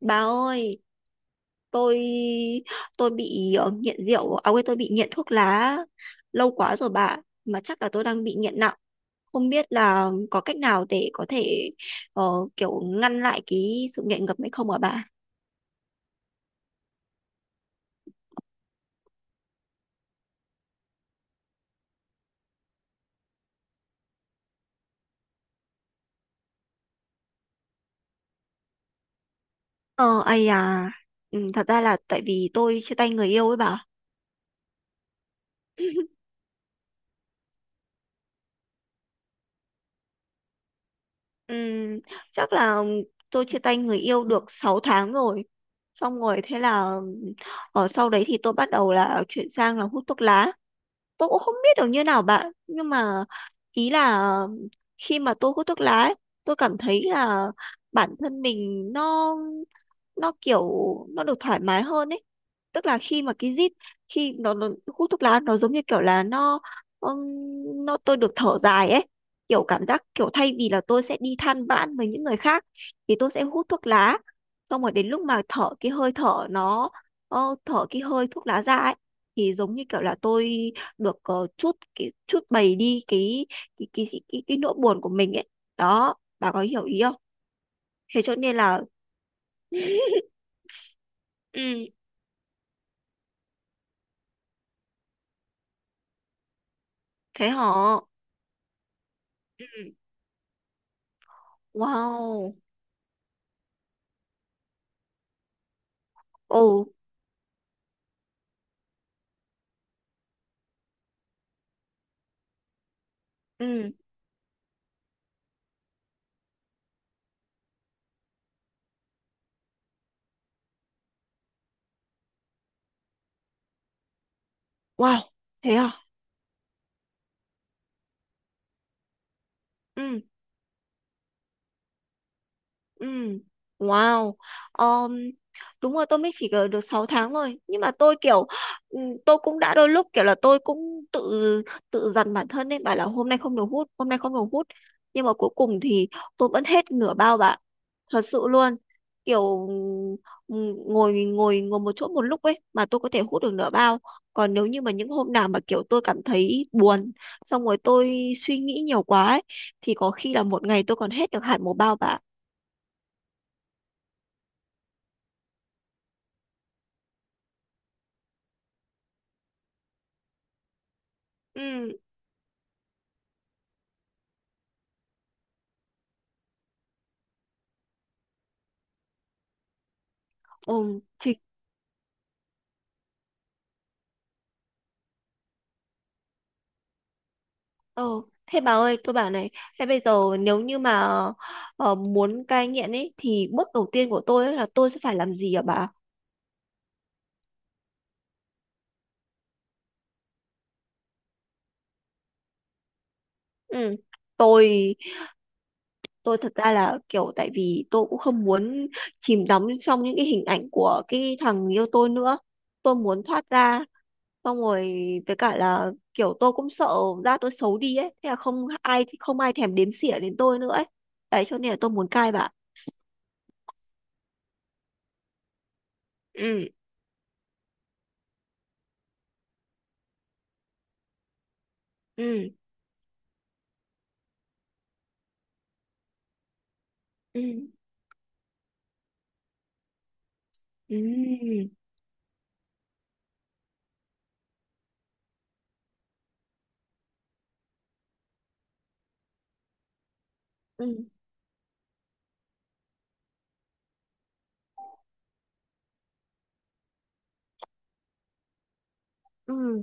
Bà ơi, tôi tôi bị nghiện rượu, à quên tôi bị nghiện thuốc lá lâu quá rồi bà, mà chắc là tôi đang bị nghiện nặng. Không biết là có cách nào để có thể ờ, kiểu ngăn lại cái sự nghiện ngập ấy không hả bà? Ờ, ai à, ừ, thật ra là tại vì tôi chia tay người yêu ấy bà. Ừ, chắc là tôi chia tay người yêu được 6 tháng rồi. Xong rồi thế là ở sau đấy thì tôi bắt đầu là chuyển sang là hút thuốc lá, tôi cũng không biết được như nào bạn nhưng mà ý là khi mà tôi hút thuốc lá ấy, tôi cảm thấy là bản thân mình nó kiểu nó được thoải mái hơn ấy, tức là khi mà cái rít khi nó hút thuốc lá nó giống như kiểu là nó tôi được thở dài ấy, kiểu cảm giác kiểu thay vì là tôi sẽ đi than vãn với những người khác thì tôi sẽ hút thuốc lá, xong rồi đến lúc mà thở cái hơi thở nó ờ, thở cái hơi thuốc lá ra ấy thì giống như kiểu là tôi được chút cái chút bày đi cái nỗi buồn của mình ấy, đó bà có hiểu ý không, thế cho nên là ừ thế hả. Ừ. Wow. Ồ. Ừ. Wow. Thế à? Ừ. Ừ. Wow. Um, đúng rồi tôi mới chỉ ở được 6 tháng thôi nhưng mà tôi kiểu ừ, tôi cũng đã đôi lúc kiểu là tôi cũng tự tự dằn bản thân ấy bảo là hôm nay không được hút hôm nay không được hút nhưng mà cuối cùng thì tôi vẫn hết nửa bao bạn, thật sự luôn, kiểu ừ, ngồi ngồi ngồi một chỗ một lúc ấy mà tôi có thể hút được nửa bao, còn nếu như mà những hôm nào mà kiểu tôi cảm thấy buồn xong rồi tôi suy nghĩ nhiều quá ấy, thì có khi là một ngày tôi còn hết được hẳn một bao bạn. Ừ. Ừ, thì, ờ, thế bà ơi tôi bảo này, thế bây giờ nếu như mà muốn cai nghiện ấy thì bước đầu tiên của tôi ấy là tôi sẽ phải làm gì hả bà? Ừ. tôi tôi thật ra là kiểu tại vì tôi cũng không muốn chìm đắm trong những cái hình ảnh của cái thằng yêu tôi nữa, tôi muốn thoát ra, xong rồi với cả là kiểu tôi cũng sợ da tôi xấu đi ấy thế là không ai không ai thèm đếm xỉa đến tôi nữa ấy, đấy cho nên là tôi muốn cai bà. Ừ. Ừ. Ừ. Ừ. Ừ. Ừ.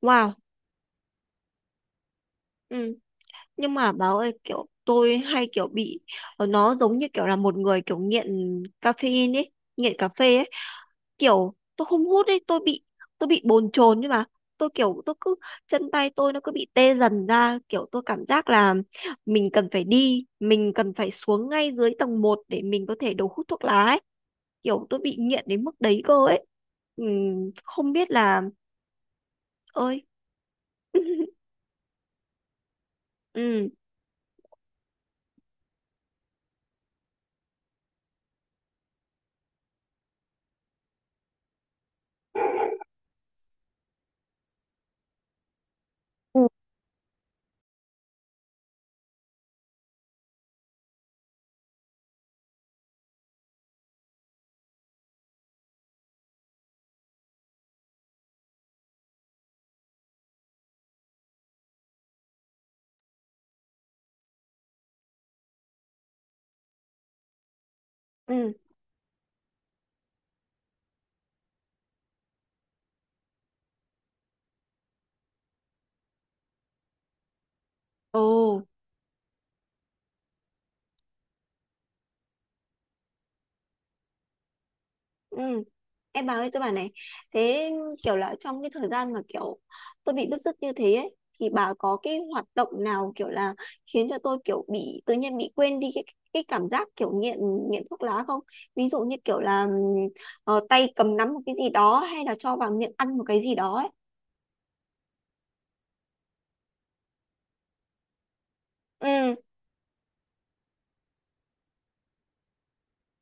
Wow. Ừ. Nhưng mà báo ơi kiểu tôi hay kiểu bị nó giống như kiểu là một người kiểu nghiện caffeine ấy, nghiện cà phê ấy, kiểu tôi không hút ấy tôi bị bồn chồn nhưng mà tôi kiểu tôi cứ chân tay tôi nó cứ bị tê dần ra kiểu tôi cảm giác là mình cần phải đi mình cần phải xuống ngay dưới tầng một để mình có thể đầu hút thuốc lá ấy, kiểu tôi bị nghiện đến mức đấy cơ ấy. Ừ, không biết là ơi ừ. Ừ. Ừ. Ồ, ừ. Em bà ơi, tôi bảo này, thế kiểu là trong cái thời gian mà kiểu tôi bị bứt rứt như thế ấy, thì bà có cái hoạt động nào kiểu là khiến cho tôi kiểu bị tự nhiên bị quên đi cái cảm giác kiểu nghiện nghiện thuốc lá không? Ví dụ như kiểu là tay cầm nắm một cái gì đó hay là cho vào miệng ăn một cái gì đó ấy. Ừ,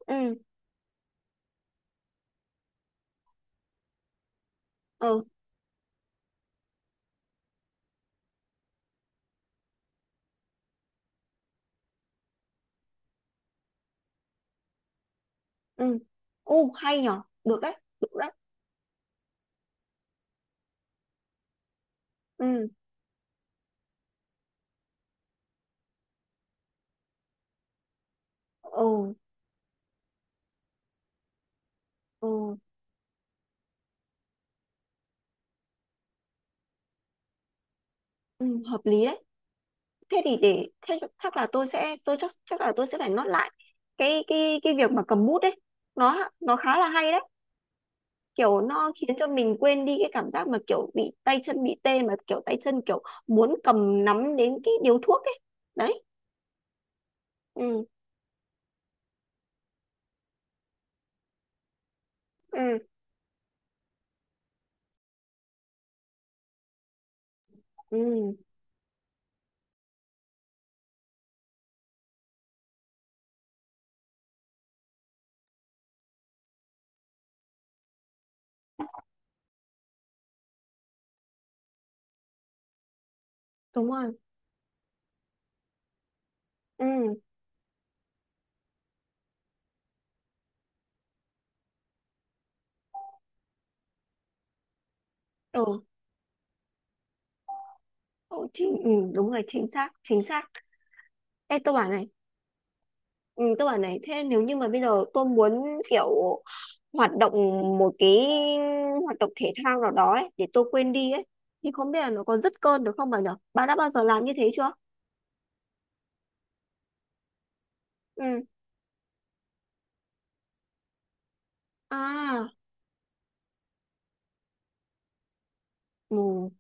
ừ, ừ, ừ. Ồ, hay nhở, được đấy, được đấy. Ừ, ồ, ồ, ừ, hợp lý đấy. Thế thì để thế chắc là tôi chắc chắc là tôi sẽ phải nốt lại cái việc mà cầm bút đấy, nó khá là hay đấy, kiểu nó khiến cho mình quên đi cái cảm giác mà kiểu bị tay chân bị tê mà kiểu tay chân kiểu muốn cầm nắm đến cái điếu thuốc ấy, đấy. Ừ. Ừ. Ừ, đúng rồi. Ừ. Ừ, ừ, chính, ừ đúng rồi, chính xác chính xác. Ê tôi bảo này, ừ, tôi bảo này thế nếu như mà bây giờ tôi muốn kiểu hoạt động một cái hoạt động thể thao nào đó ấy, để tôi quên đi ấy thì không biết là nó có dứt cơn được không bà nhở, bà đã bao giờ làm như thế chưa? Ừ. À. Ừ.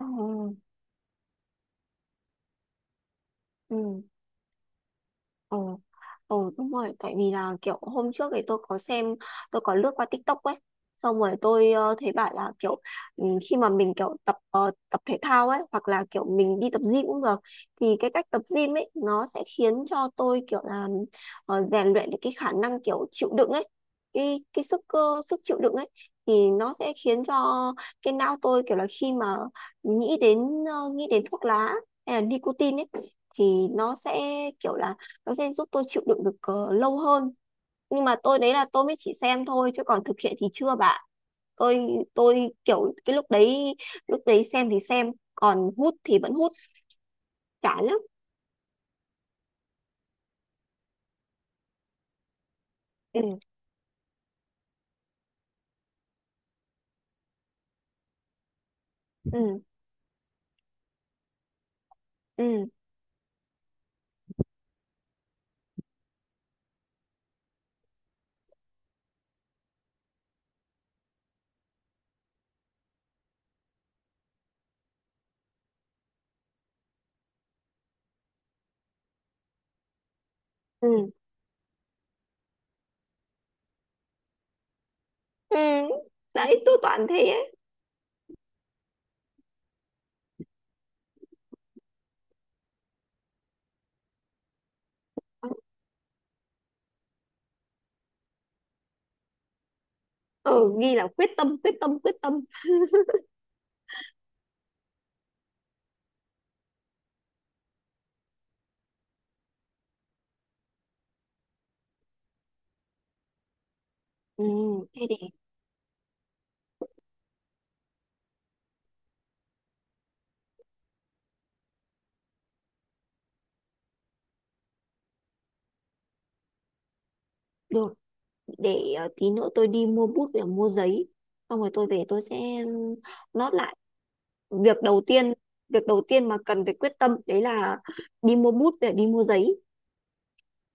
Ừ. Ừ. Ừ. Ừ đúng rồi, tại vì là kiểu hôm trước thì tôi có xem, tôi có lướt qua TikTok ấy, xong rồi tôi thấy bảo là kiểu ừ, khi mà mình kiểu tập tập thể thao ấy, hoặc là kiểu mình đi tập gym cũng được, thì cái cách tập gym ấy nó sẽ khiến cho tôi kiểu là rèn luyện được cái khả năng kiểu chịu đựng ấy, cái sức cơ sức chịu đựng ấy, thì nó sẽ khiến cho cái não tôi kiểu là khi mà nghĩ đến nghĩ đến thuốc lá hay là nicotine ấy, thì nó sẽ kiểu là nó sẽ giúp tôi chịu đựng được lâu hơn, nhưng mà tôi đấy là tôi mới chỉ xem thôi chứ còn thực hiện thì chưa bạn, tôi tôi kiểu cái lúc đấy xem thì xem còn hút thì vẫn hút, chán lắm. Ừ. Ừ. Ừ. Ừ. Ừ, đấy tôi toàn thế ấy. Ừ, ghi là quyết tâm quyết tâm quyết tâm. Ừ thế để được để tí nữa tôi đi mua bút và mua giấy xong rồi tôi về tôi sẽ nốt lại việc đầu tiên, việc đầu tiên mà cần phải quyết tâm đấy là đi mua bút để đi mua giấy.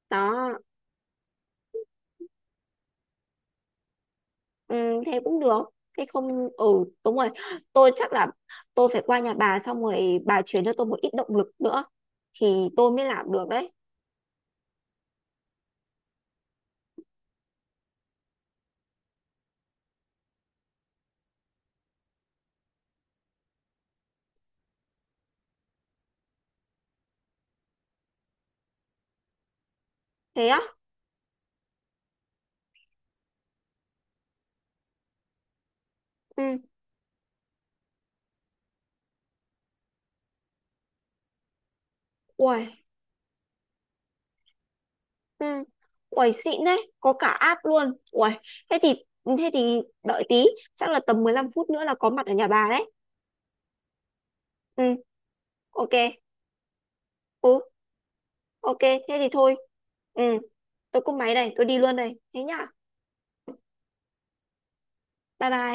Đó, ừ, thế cũng được, thế không ừ đúng rồi, tôi chắc là tôi phải qua nhà bà xong rồi bà chuyển cho tôi một ít động lực nữa thì tôi mới làm được đấy. Thế á? Ừ. Uầy. Ừ. Uầy xịn đấy, có cả app luôn. Uầy, thế thì đợi tí, chắc là tầm 15 phút nữa là có mặt ở nhà bà đấy. Ừ. Ok. Ừ. Ok thế thì thôi. Ừ, tôi cúp máy đây, tôi đi luôn đây, thế nhá. Bye bye.